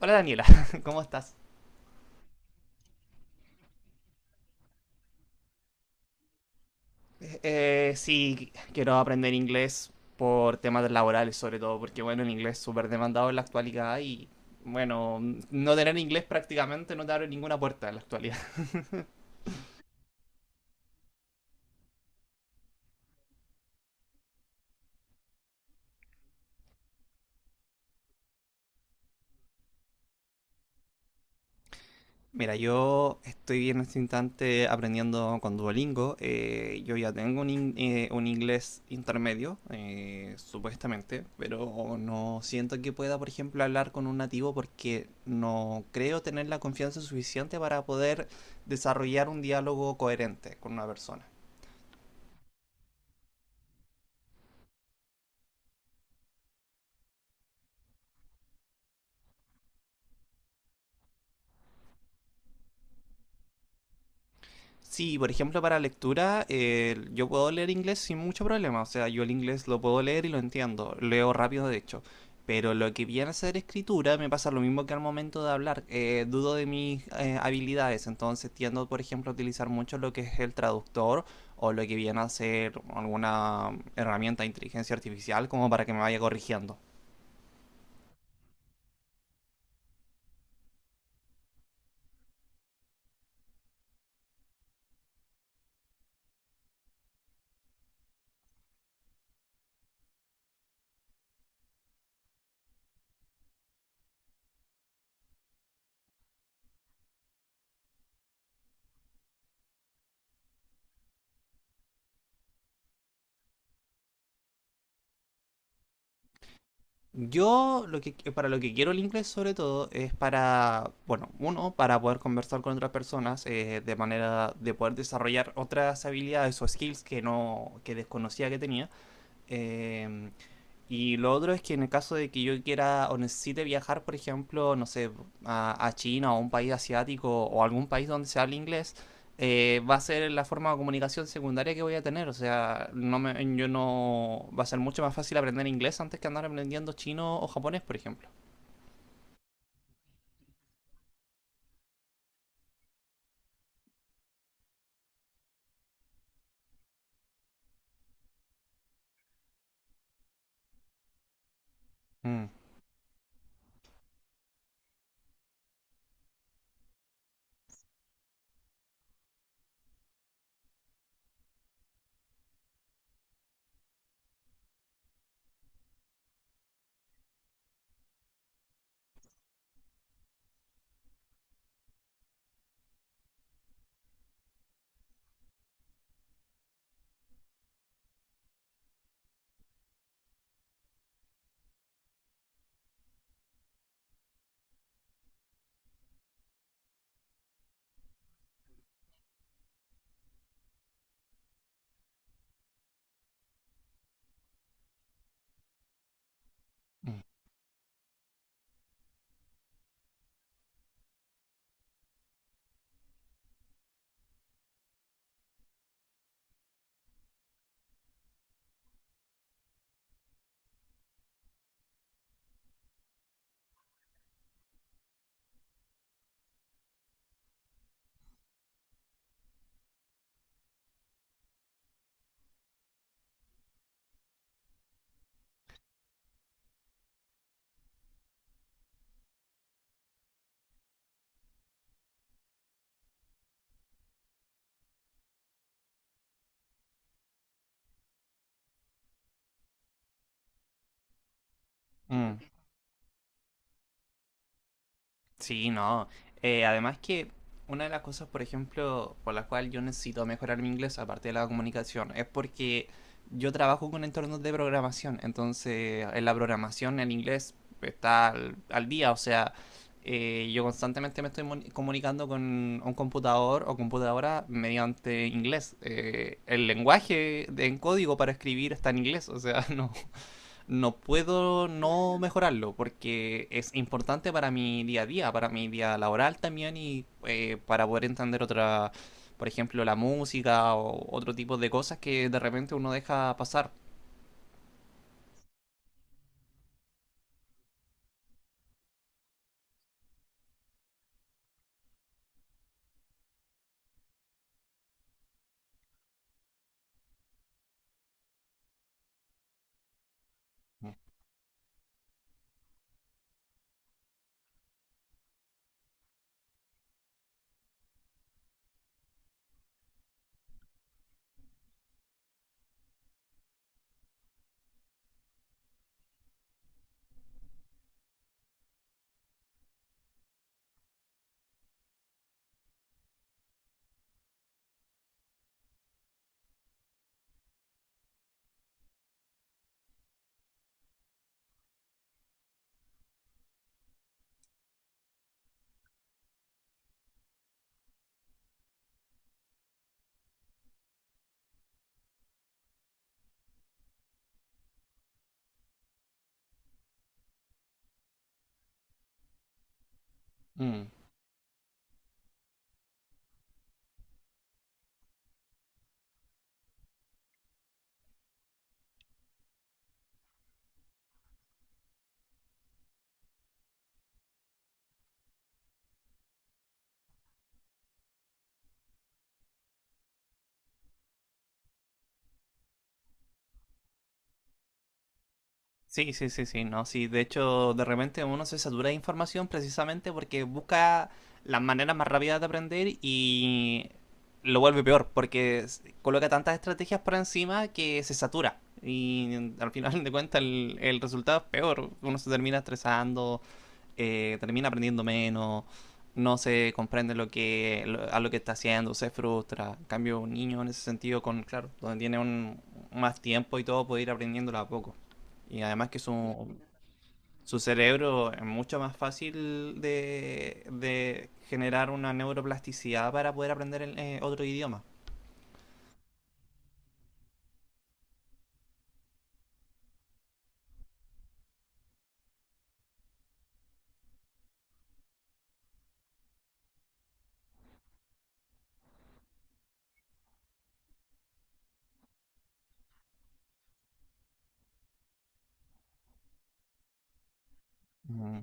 Hola Daniela, ¿cómo estás? Sí, quiero aprender inglés por temas laborales sobre todo, porque bueno, el inglés es súper demandado en la actualidad y bueno, no tener inglés prácticamente no te abre ninguna puerta en la actualidad. Mira, yo estoy en este instante aprendiendo con Duolingo. Yo ya tengo un inglés intermedio, supuestamente, pero no siento que pueda, por ejemplo, hablar con un nativo porque no creo tener la confianza suficiente para poder desarrollar un diálogo coherente con una persona. Sí, por ejemplo, para lectura, yo puedo leer inglés sin mucho problema. O sea, yo el inglés lo puedo leer y lo entiendo. Leo rápido, de hecho. Pero lo que viene a ser escritura me pasa lo mismo que al momento de hablar. Dudo de mis habilidades. Entonces tiendo, por ejemplo, a utilizar mucho lo que es el traductor o lo que viene a ser alguna herramienta de inteligencia artificial como para que me vaya corrigiendo. Yo lo que para lo que quiero el inglés sobre todo es para, bueno, uno, para poder conversar con otras personas de manera de poder desarrollar otras habilidades o skills que no que desconocía que tenía. Eh, y lo otro es que en el caso de que yo quiera o necesite viajar, por ejemplo, no sé, a China o a un país asiático o algún país donde se hable inglés, va a ser la forma de comunicación secundaria que voy a tener. O sea, no me, yo no, va a ser mucho más fácil aprender inglés antes que andar aprendiendo chino o japonés, por ejemplo. Mm, mm, mm. Sí, no. Además que una de las cosas, por ejemplo, por la cual yo necesito mejorar mi inglés, aparte de la comunicación, es porque yo trabajo con entornos de programación. Entonces, en la programación el inglés está al día. O sea, yo constantemente me estoy comunicando con un computador o computadora mediante inglés. El en código para escribir está en inglés. O sea, no, no puedo no mejorarlo porque es importante para mi día a día, para mi día laboral también y para poder entender otra, por ejemplo, la música o otro tipo de cosas que de repente uno deja pasar. Mm. Sí, sí, sí, sí, no, sí. De hecho, de repente uno se satura de información precisamente porque busca las maneras más rápidas de aprender y lo vuelve peor, porque coloca tantas estrategias por encima que se satura. Y al final de cuentas el resultado es peor. Uno se termina estresando, termina aprendiendo menos, no se comprende lo que, a lo que está haciendo, se frustra. En cambio, un niño en ese sentido, con claro, donde tiene un, más tiempo y todo, puede ir aprendiéndolo a poco. Y además que su cerebro es mucho más fácil de generar una neuroplasticidad para poder aprender el, otro idioma. Mm.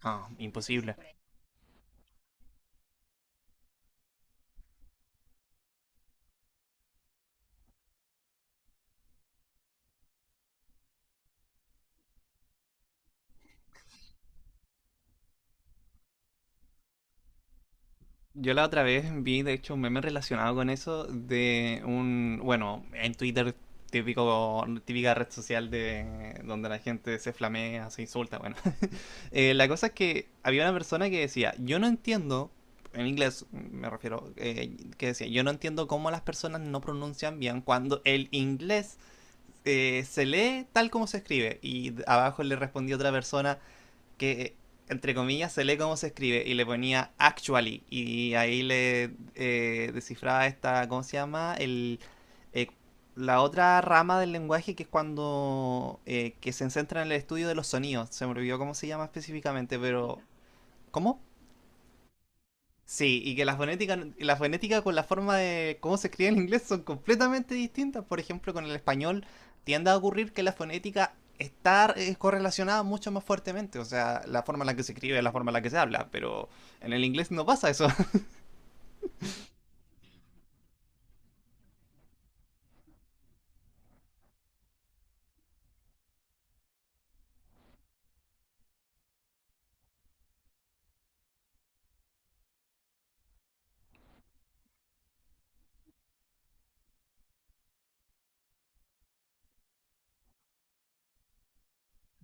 Ah, imposible. Yo la otra vez vi, de hecho, un meme relacionado con eso de un, bueno, en Twitter, típico, típica red social de donde la gente se flamea, se insulta, bueno. La cosa es que había una persona que decía, yo no entiendo, en inglés me refiero, que decía, yo no entiendo cómo las personas no pronuncian bien cuando el inglés se lee tal como se escribe. Y abajo le respondió otra persona, que entre comillas se lee cómo se escribe y le ponía actually y ahí le descifraba esta, ¿cómo se llama? Eh, la otra rama del lenguaje que es cuando que se centra en el estudio de los sonidos. Se me olvidó cómo se llama específicamente, pero ¿cómo? Sí, y que la fonética con la forma de cómo se escribe en inglés son completamente distintas. Por ejemplo, con el español tiende a ocurrir que la fonética está correlacionada mucho más fuertemente. O sea, la forma en la que se escribe, la forma en la que se habla. Pero en el inglés no pasa eso.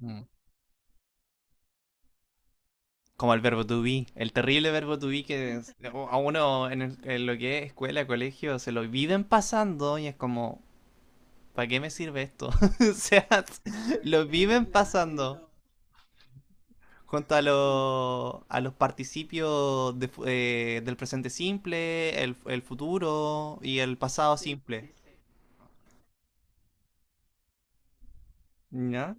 Mm. Como el verbo to be, el terrible verbo to be que a uno en, en lo que es escuela, colegio, se lo viven pasando y es como, ¿para qué me sirve esto? O sea, lo viven pasando. Junto a los participios de del presente simple, el futuro y el pasado simple. ¿Ya?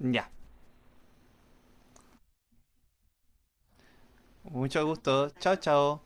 Ya. Mucho gusto. Chao, chao.